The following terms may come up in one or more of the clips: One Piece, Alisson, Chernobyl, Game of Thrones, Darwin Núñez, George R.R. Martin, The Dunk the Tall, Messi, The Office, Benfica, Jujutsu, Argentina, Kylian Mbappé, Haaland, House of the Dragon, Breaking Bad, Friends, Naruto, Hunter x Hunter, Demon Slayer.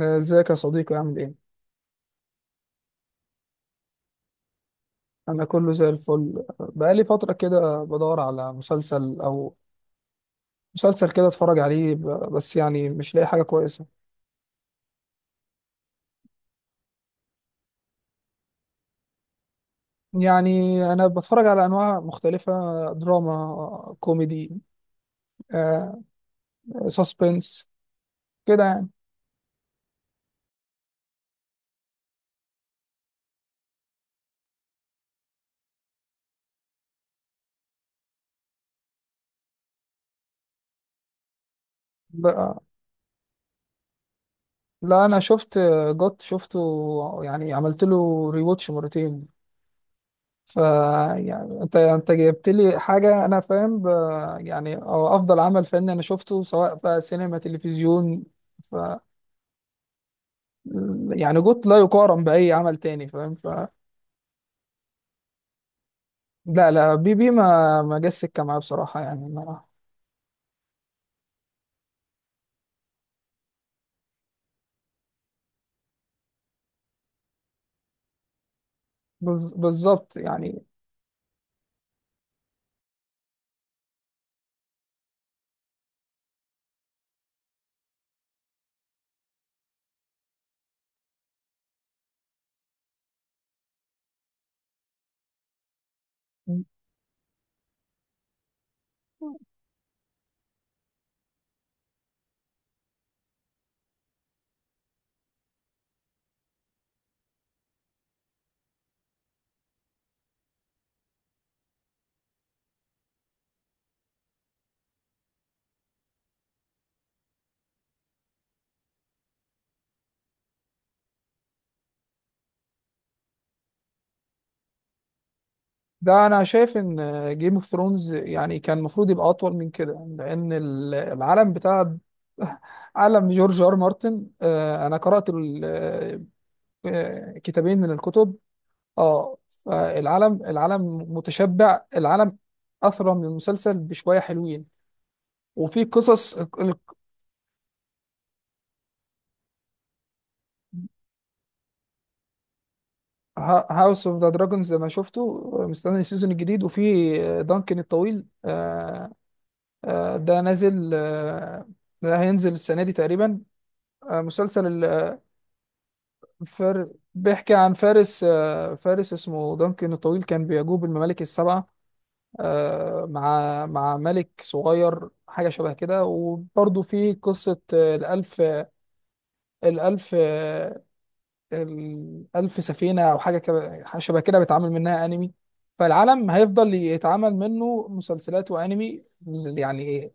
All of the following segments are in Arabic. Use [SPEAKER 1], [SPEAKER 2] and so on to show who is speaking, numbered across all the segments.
[SPEAKER 1] ازيك يا صديقي عامل ايه؟ انا كله زي الفل بقالي فترة كده بدور على مسلسل كده اتفرج عليه بس يعني مش لاقي حاجة كويسة. يعني انا بتفرج على انواع مختلفة، دراما، كوميدي، آه، سسبنس، كده يعني. لا. لا، انا شفت جوت، شفته يعني، عملت له ريواتش مرتين. ف يعني انت جبت لي حاجه انا فاهم يعني أو افضل عمل فني انا شفته، سواء بقى سينما تلفزيون. ف يعني جوت لا يقارن باي عمل تاني، فاهم؟ لا لا، بي ما جاش سكه معايا بصراحه يعني ما... بالظبط يعني. ده انا شايف ان جيم اوف ثرونز يعني كان المفروض يبقى اطول من كده، لان العالم بتاع عالم جورج ار مارتن، انا قرات كتابين من الكتب. اه، فالعالم، متشبع، العالم اثرى من المسلسل بشويه حلوين، وفي قصص. هاوس اوف ذا دراجونز لما شفته، مستني السيزون الجديد، وفي دانكن الطويل. ده نازل، ده هينزل السنه دي تقريبا. مسلسل الفار، بيحكي عن فارس، فارس اسمه دانكن الطويل كان بيجوب الممالك السبعه، مع ملك صغير حاجه شبه كده. وبرضه في قصه الألف، الألف آه، الألف سفينة أو حاجة كده، حاجة شبه كده، بيتعمل منها أنمي. فالعالم هيفضل يتعمل منه مسلسلات وأنمي يعني إيه،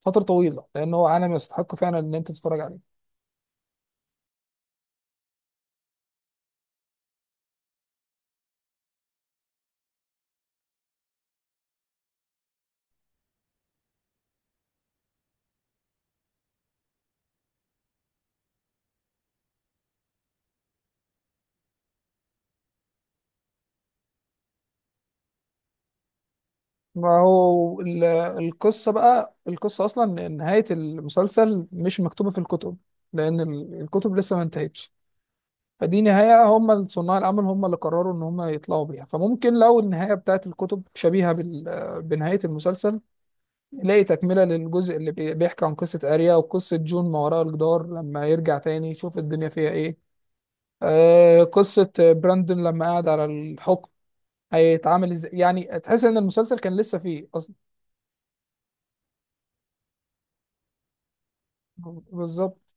[SPEAKER 1] فترة طويلة، لأن هو عالم يستحق فعلا إن أنت تتفرج عليه. ما هو القصة، بقى القصة أصلا إن نهاية المسلسل مش مكتوبة في الكتب، لأن الكتب لسه ما انتهتش. فدي نهاية هم صناع العمل هم اللي قرروا إن هم يطلعوا بيها. فممكن لو النهاية بتاعت الكتب شبيهة بنهاية المسلسل، لاقي تكملة للجزء اللي بيحكي عن قصة أريا، وقصة جون ما وراء الجدار لما يرجع تاني يشوف الدنيا فيها إيه، آه قصة براندون لما قعد على الحكم هيتعامل إزاي. يعني تحس إن المسلسل كان لسه فيه أصلا. بالظبط.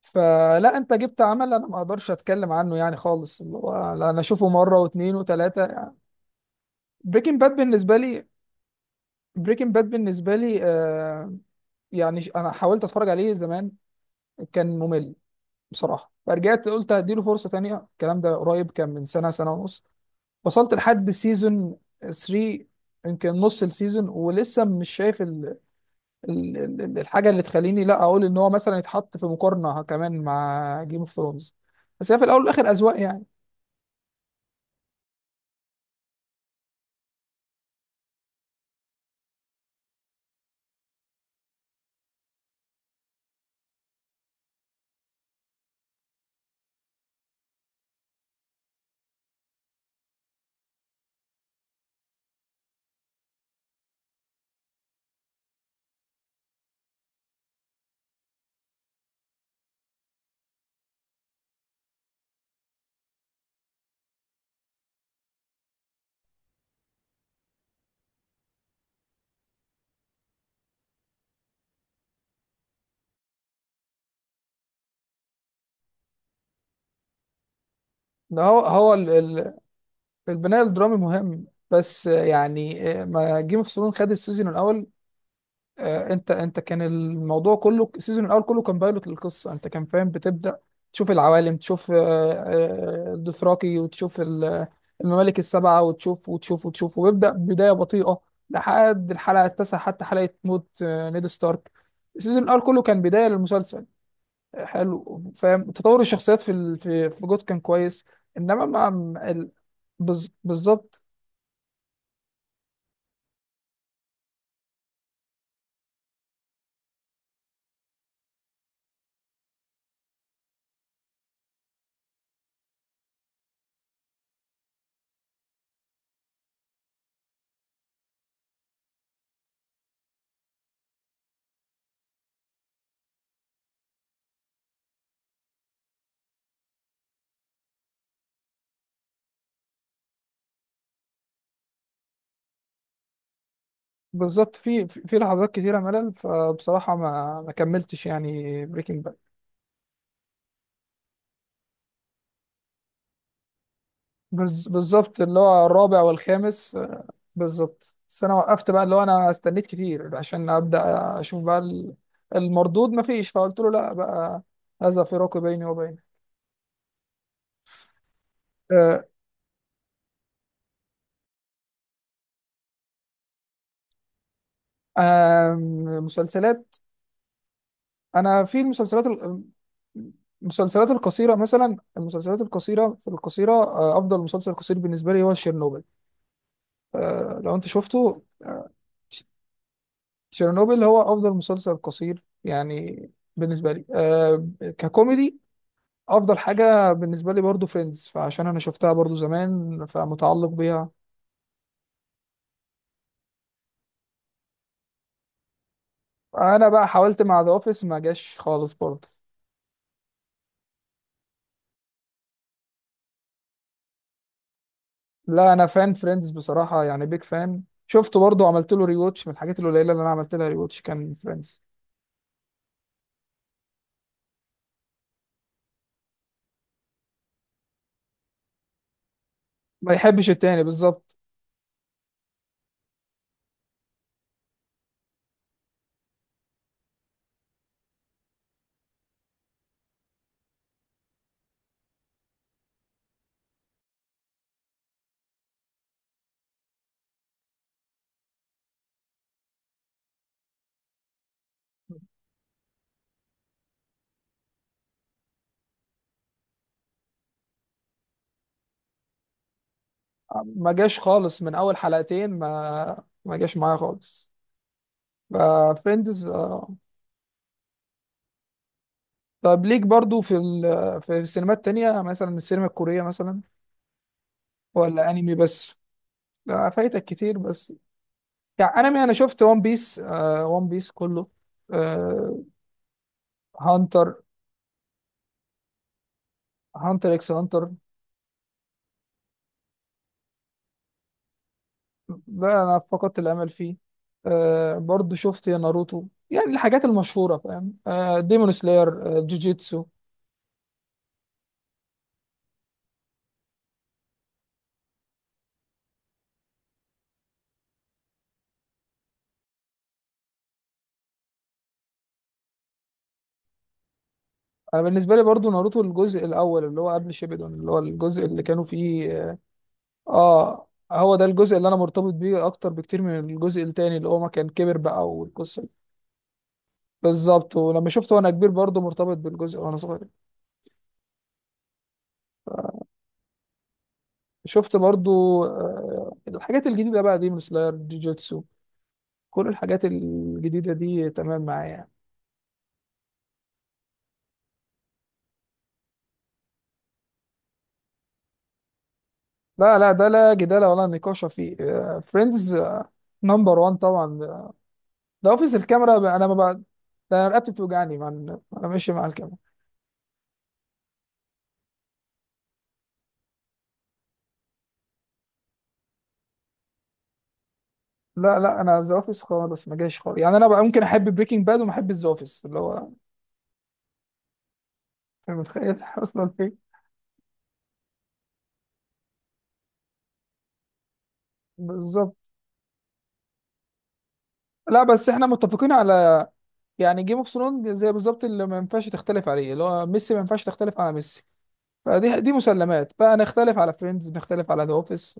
[SPEAKER 1] فلا أنت جبت عمل أنا ما أقدرش أتكلم عنه يعني خالص، اللي هو لا، أنا أشوفه مرة واتنين وتلاتة يعني. بريكنج باد بالنسبة لي، بريكنج باد بالنسبة لي آه، يعني أنا حاولت أتفرج عليه زمان، كان ممل بصراحه. فرجعت قلت هديله فرصه تانية، الكلام ده قريب كان من سنه، سنه ونص. وصلت لحد سيزون 3، يمكن نص السيزون، ولسه مش شايف الحاجه اللي تخليني لا اقول ان هو مثلا يتحط في مقارنه كمان مع جيم اوف ثرونز. بس هي في الاول والاخر اذواق يعني. ده البناء الدرامي مهم، بس يعني ما جيم اوف ثرونز خد السيزون الاول، انت كان الموضوع كله، السيزون الاول كله كان بايلوت للقصه، انت كان فاهم بتبدا تشوف العوالم، تشوف الدوثراكي، وتشوف الممالك السبعه، وتشوف وتشوف وتشوف، ويبدا بدايه بطيئه لحد الحلقه التاسعه، حتى حلقه موت نيد ستارك. السيزون الاول كله كان بدايه للمسلسل. حلو، فاهم؟ تطور الشخصيات في جوت كان كويس، انما ما بالظبط. بالظبط، في في في لحظات كتيرة ملل، فبصراحة ما كملتش يعني بريكنج باد. بالظبط، اللي هو الرابع والخامس، بالظبط. بس أنا وقفت بقى، اللي هو أنا استنيت كتير عشان أبدأ أشوف بقى المردود، ما فيش، فقلت له لا بقى، هذا فراق بيني وبينك. آه، آم، مسلسلات. أنا في المسلسلات المسلسلات القصيرة مثلا، المسلسلات القصيرة في القصيرة آه، أفضل مسلسل قصير بالنسبة لي هو شيرنوبل. لو أنت شفته، تشيرنوبل هو افضل مسلسل قصير يعني بالنسبه لي آه. ككوميدي، افضل حاجه بالنسبه لي برضو فريندز، فعشان انا شفتها برضو زمان فمتعلق بيها. انا بقى حاولت مع ذا اوفيس، ما جاش خالص برضو. لا انا فان فريندز بصراحه، يعني بيج فان، شفته برضو، عملت له ريواتش. من الحاجات القليله اللي انا عملت لها ريواتش كان فريندز. ما يحبش التاني بالظبط. ما جاش خالص، من اول حلقتين ما جاش معايا خالص. فريندز. طب ليك برضو في في السينمات التانية، مثلا السينما الكورية مثلا، ولا أنمي بس؟ لا، فايتك كتير، بس يعني أنمي، أنا شفت ون بيس، آه ون بيس كله، آه هانتر، هانتر إكس هانتر، ده أنا فقدت الأمل فيه. آه برضو شفت ناروتو، يعني الحاجات المشهورة، فاهم؟ آه ديمون سلاير، آه جوجيتسو. أنا بالنسبة لي برضو ناروتو الجزء الأول اللي هو قبل شيبيدون، اللي هو الجزء اللي كانوا فيه. اه، هو ده الجزء اللي انا مرتبط بيه اكتر بكتير من الجزء التاني اللي هو ما كان كبر بقى والقصه دي. بالظبط، ولما شفته وانا كبير برضه مرتبط بالجزء وانا صغير. شفت برضه آه الحاجات الجديده بقى دي، مثل جوجيتسو، كل الحاجات الجديده دي تمام معايا يعني. لا لا، ده لا جدال ولا نقاش فيه. فريندز نمبر 1 طبعا. ده اوفيس الكاميرا انا ما بقى، ده انا رقبتي بتوجعني مع انا ماشي مع الكاميرا. لا لا، انا ذا اوفيس خالص ما جايش خالص، يعني انا بقى ممكن احب بريكنج باد وما احب ذا اوفيس، اللي هو انت متخيل اصلا فين. بالظبط. لا بس احنا متفقين على يعني جيم اوف ثرونز، زي بالظبط اللي ما ينفعش تختلف عليه، اللي هو ميسي، ما ينفعش تختلف على ميسي. فدي دي مسلمات بقى، نختلف على فريندز، نختلف على ذا اوفيس.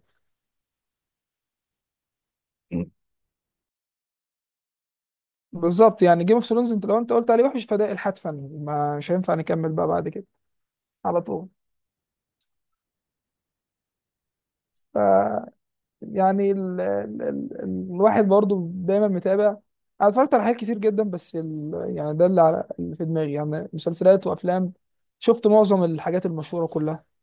[SPEAKER 1] مم. بالظبط، يعني جيم اوف ثرونز، انت لو انت قلت عليه وحش فده الحتفا، ما مش هينفع نكمل بقى بعد كده على طول. يعني الواحد برضو دايما متابع، انا اتفرجت على حاجات كتير جدا، بس يعني ده اللي، اللي في دماغي يعني، مسلسلات وافلام. شفت معظم الحاجات المشهورة كلها.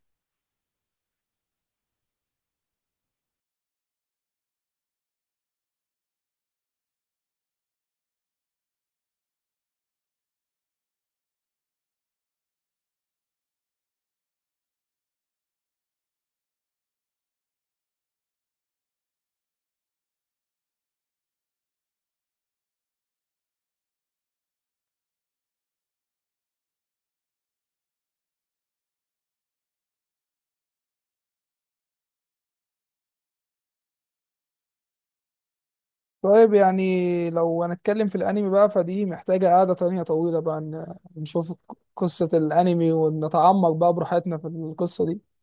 [SPEAKER 1] طيب يعني لو هنتكلم في الانمي بقى، فدي محتاجة قعدة تانية طويلة بقى، نشوف قصة الانمي ونتعمق بقى براحتنا في القصة دي.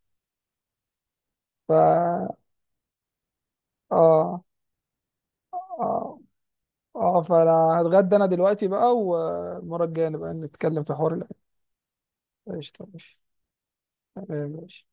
[SPEAKER 1] ف اه، اه، اه، فانا هتغدى انا دلوقتي بقى، والمرة الجاية نبقى نتكلم في حوار الانمي. قشطة، ماشي. تمام، ماشي.